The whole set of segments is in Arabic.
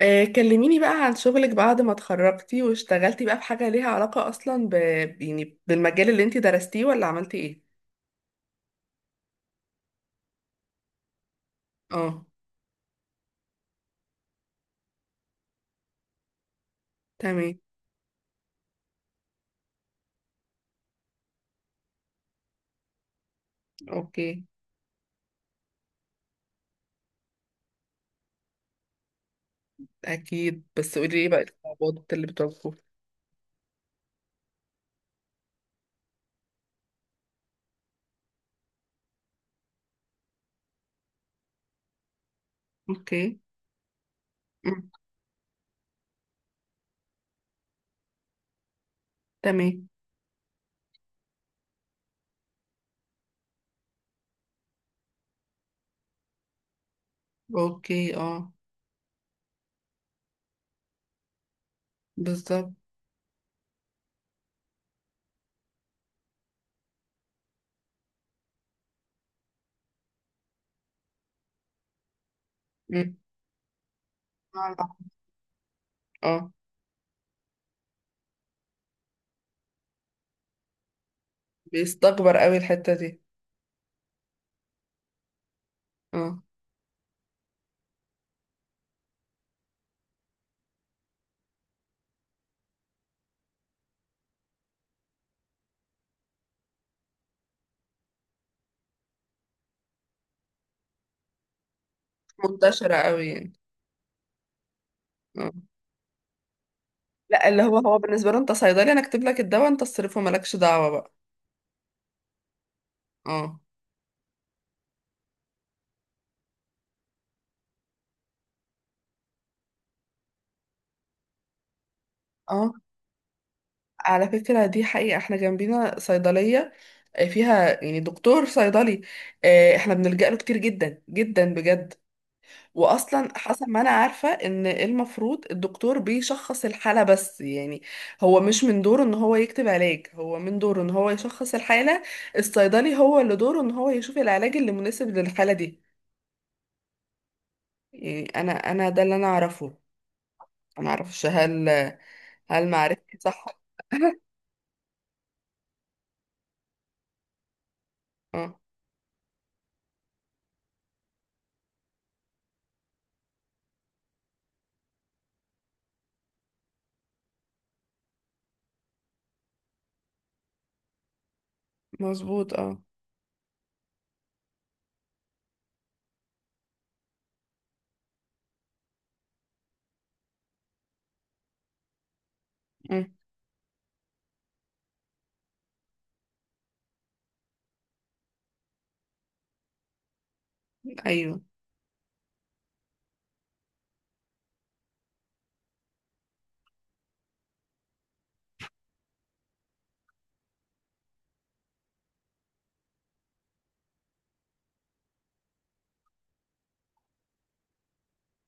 كلميني بقى عن شغلك بعد ما اتخرجتي واشتغلتي بقى بحاجة ليها علاقة أصلا يعني بالمجال اللي انتي درستيه ولا عملتي ايه؟ اه. تمام. اوكي. أكيد، بس قولي ايه بقى الصعوبات اللي بتواجهوها. اوكي. مم. تمام. اوكي. اه. بالظبط. مم. اه. بيستكبر قوي الحتة دي. اه. منتشرة قوي يعني. اه. لا، اللي هو هو بالنسبة له انت صيدلي، انا اكتب لك الدواء انت تصرفه مالكش دعوة بقى. اه. اه. على فكرة دي حقيقة، احنا جنبينا صيدلية فيها يعني دكتور صيدلي، احنا بنلجأ له كتير جدا جدا بجد. واصلا حسب ما انا عارفة ان المفروض الدكتور بيشخص الحالة بس يعني هو مش من دوره ان هو يكتب علاج، هو من دوره ان هو يشخص الحالة. الصيدلي هو اللي دوره ان هو يشوف العلاج اللي مناسب للحالة دي. يعني انا ده اللي انا اعرفه. انا اعرفش هل معرفتي صح. اه. مظبوط، اه. مم، ايوه.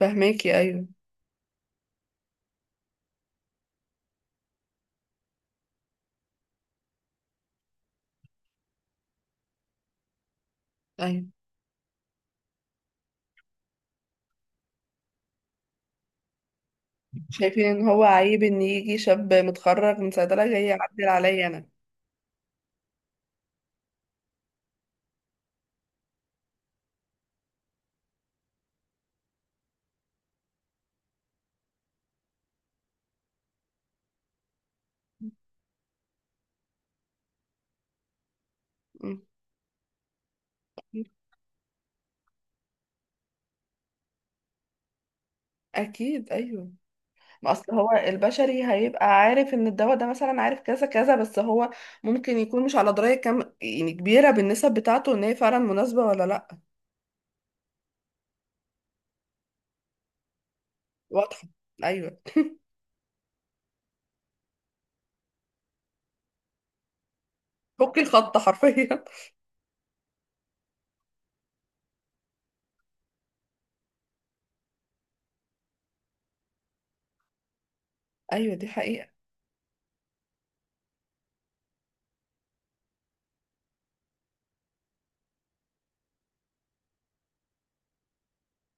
فهماكي، ايوه. ايوه، شايفين ان هو عيب ان يجي شاب متخرج من صيدله جاي يعدل عليا انا. م. اكيد، ايوه. ما اصل هو البشري هيبقى عارف ان الدواء ده مثلا، عارف كذا كذا، بس هو ممكن يكون مش على درايه كام يعني كبيره بالنسب بتاعته، ان هي فعلا مناسبه ولا لا. واضحه. ايوه، فك الخط حرفيا. ايوه، دي حقيقه.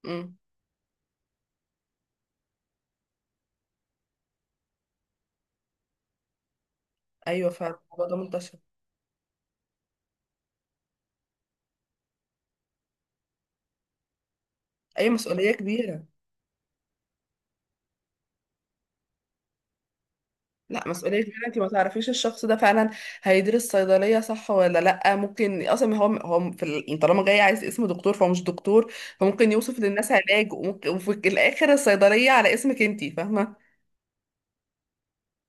امم. ايوه، فعلا الموضوع ده منتشر. اي مسؤوليه كبيره. لا، مسؤولية ان انت ما تعرفيش الشخص ده فعلا هيدرس صيدلية صح ولا لا. ممكن اصلا يعني طالما جاي عايز اسم دكتور فهو مش دكتور، فممكن يوصف للناس علاج، وفي الاخر الصيدلية على اسمك، انت فاهمة.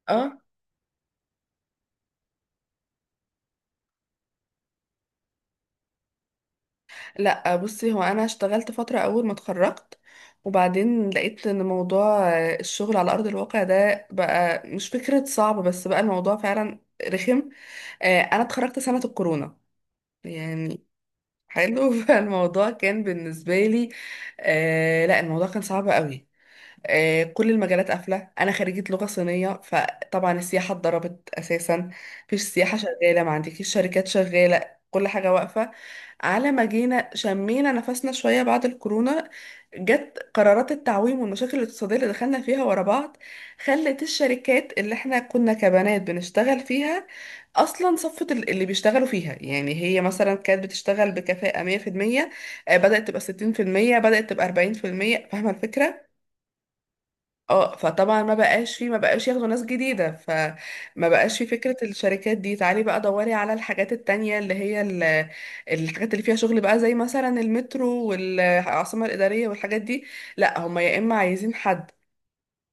اه. لا بصي، هو انا اشتغلت فترة اول ما اتخرجت، وبعدين لقيت ان موضوع الشغل على ارض الواقع ده بقى مش فكرة صعب، بس بقى الموضوع فعلا رخم. انا اتخرجت سنة الكورونا يعني. حلو. فالموضوع كان بالنسبة لي لا، الموضوع كان صعب قوي. كل المجالات قافلة. أنا خريجة لغة صينية، فطبعا السياحة اتضربت أساسا. مفيش سياحة شغالة، ما عندكيش شركات شغالة، كل حاجة واقفة. على ما جينا شمينا نفسنا شوية بعد الكورونا جت قرارات التعويم والمشاكل الاقتصادية اللي دخلنا فيها ورا بعض، خلت الشركات اللي احنا كنا كبنات بنشتغل فيها أصلا صفت اللي بيشتغلوا فيها. يعني هي مثلا كانت بتشتغل بكفاءة 100%، بدأت تبقى 60%، بدأت تبقى 40%. فاهمة الفكرة؟ اه، فطبعا ما بقاش ياخدوا ناس جديدة. فما بقاش فيه فكرة الشركات دي. تعالي بقى دوري على الحاجات التانية اللي هي الحاجات اللي فيها شغل بقى زي مثلا المترو والعاصمة الإدارية والحاجات دي. لا هما يا إما عايزين حد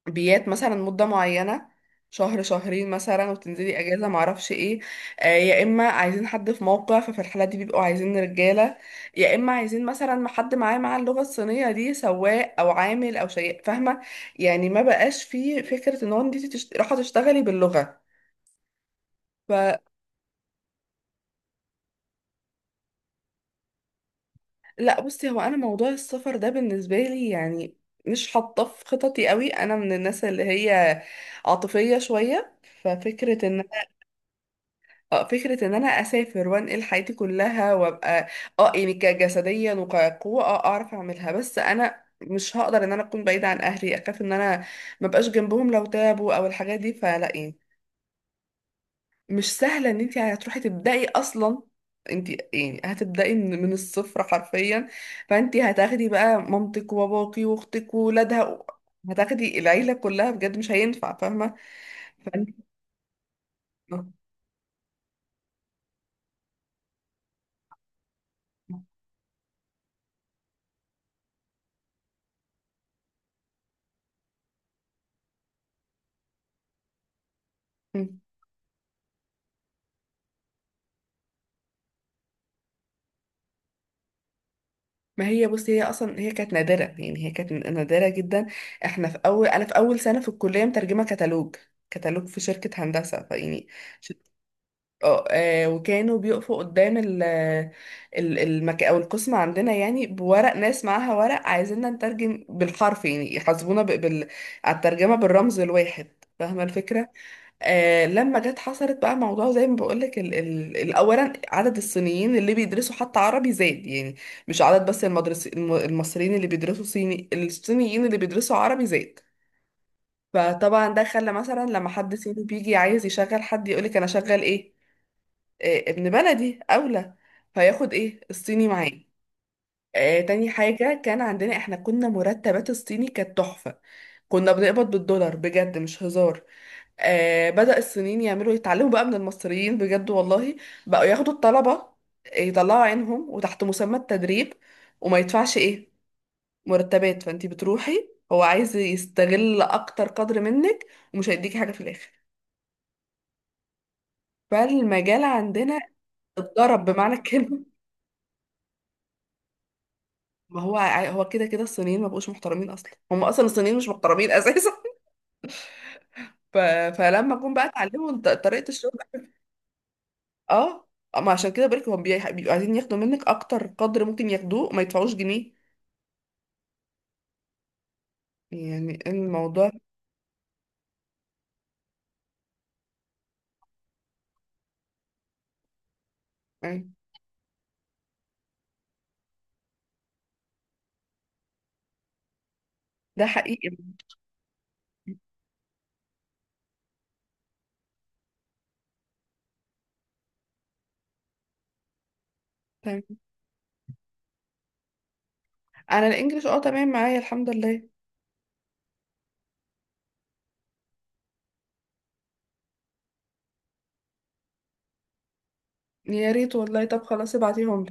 بيات مثلا مدة معينة، شهر شهرين مثلا، وتنزلي اجازة معرفش ايه. يا اما عايزين حد في موقع، ففي الحالة دي بيبقوا عايزين رجالة. يا اما عايزين مثلا حد معاه مع اللغة الصينية دي سواق او عامل او شيء، فاهمة يعني. ما بقاش فيه فكرة ان هو انت رايحة تشتغلي باللغة، فلا. بصي، هو انا موضوع السفر ده بالنسبة لي يعني مش حاطاه في خططي قوي. انا من الناس اللي هي عاطفية شوية. ففكرة ان اه فكرة ان انا اسافر وانقل حياتي كلها وابقى، اه يعني كجسديا وكقوة اعرف اعملها، بس انا مش هقدر ان انا اكون بعيدة عن اهلي. اخاف ان انا مبقاش جنبهم لو تعبوا او الحاجات دي، فلا يعني. مش سهلة ان انت هتروحي تبدأي اصلا، انت يعني هتبدأي من الصفر حرفيا. فانت هتاخدي بقى مامتك وباباكي واختك وولادها، هتاخدي العيلة كلها بجد مش هينفع، فاهمة. فانت آه. ما هي بصي، هي اصلا كانت نادره، يعني هي كانت نادره جدا. احنا في اول انا في اول سنه في الكليه مترجمه كتالوج في شركه هندسه، فيعني ش- وكانوا بيقفوا قدام ال ال- المك او القسم عندنا يعني بورق. ناس معاها ورق عايزيننا نترجم بالحرف، يعني يحاسبونا ب- بال على الترجمه بالرمز الواحد. فاهمه الفكره. لما جت حصلت بقى موضوع زي ما بقولك، اولا عدد الصينيين اللي بيدرسوا حتى عربي زاد، يعني مش عدد بس. المصريين اللي بيدرسوا صيني الصينيين اللي بيدرسوا عربي زاد. فطبعا ده خلى مثلا لما حد صيني بيجي عايز يشغل حد يقولك انا شغل ايه، ابن بلدي اولى، فياخد ايه الصيني معاه. تاني حاجة، كان عندنا احنا كنا مرتبات الصيني كانت تحفة، كنا بنقبض بالدولار بجد مش هزار. بدأ الصينيين يعملوا يتعلموا بقى من المصريين بجد والله. بقوا ياخدوا الطلبة يطلعوا عينهم وتحت مسمى التدريب، وما يدفعش ايه مرتبات. فانتي بتروحي، هو عايز يستغل اكتر قدر منك، ومش هيديكي حاجة في الاخر. فالمجال عندنا اتضرب بمعنى الكلمة. ما هو هو كده كده الصينيين ما بقوش محترمين، اصلا هم اصلا الصينيين مش محترمين اساسا. ف... فلما جم بقى اتعلموا طريقة الشغل. اه. ما عشان كده بقولك هم بيبقوا عايزين ياخدوا منك اكتر قدر ممكن ياخدوه، ما يدفعوش جنيه. يعني الموضوع يعني ده حقيقي. تمام. انا الانجليش تمام معايا، الحمد لله. يا ريت والله، طب خلاص ابعتيهم.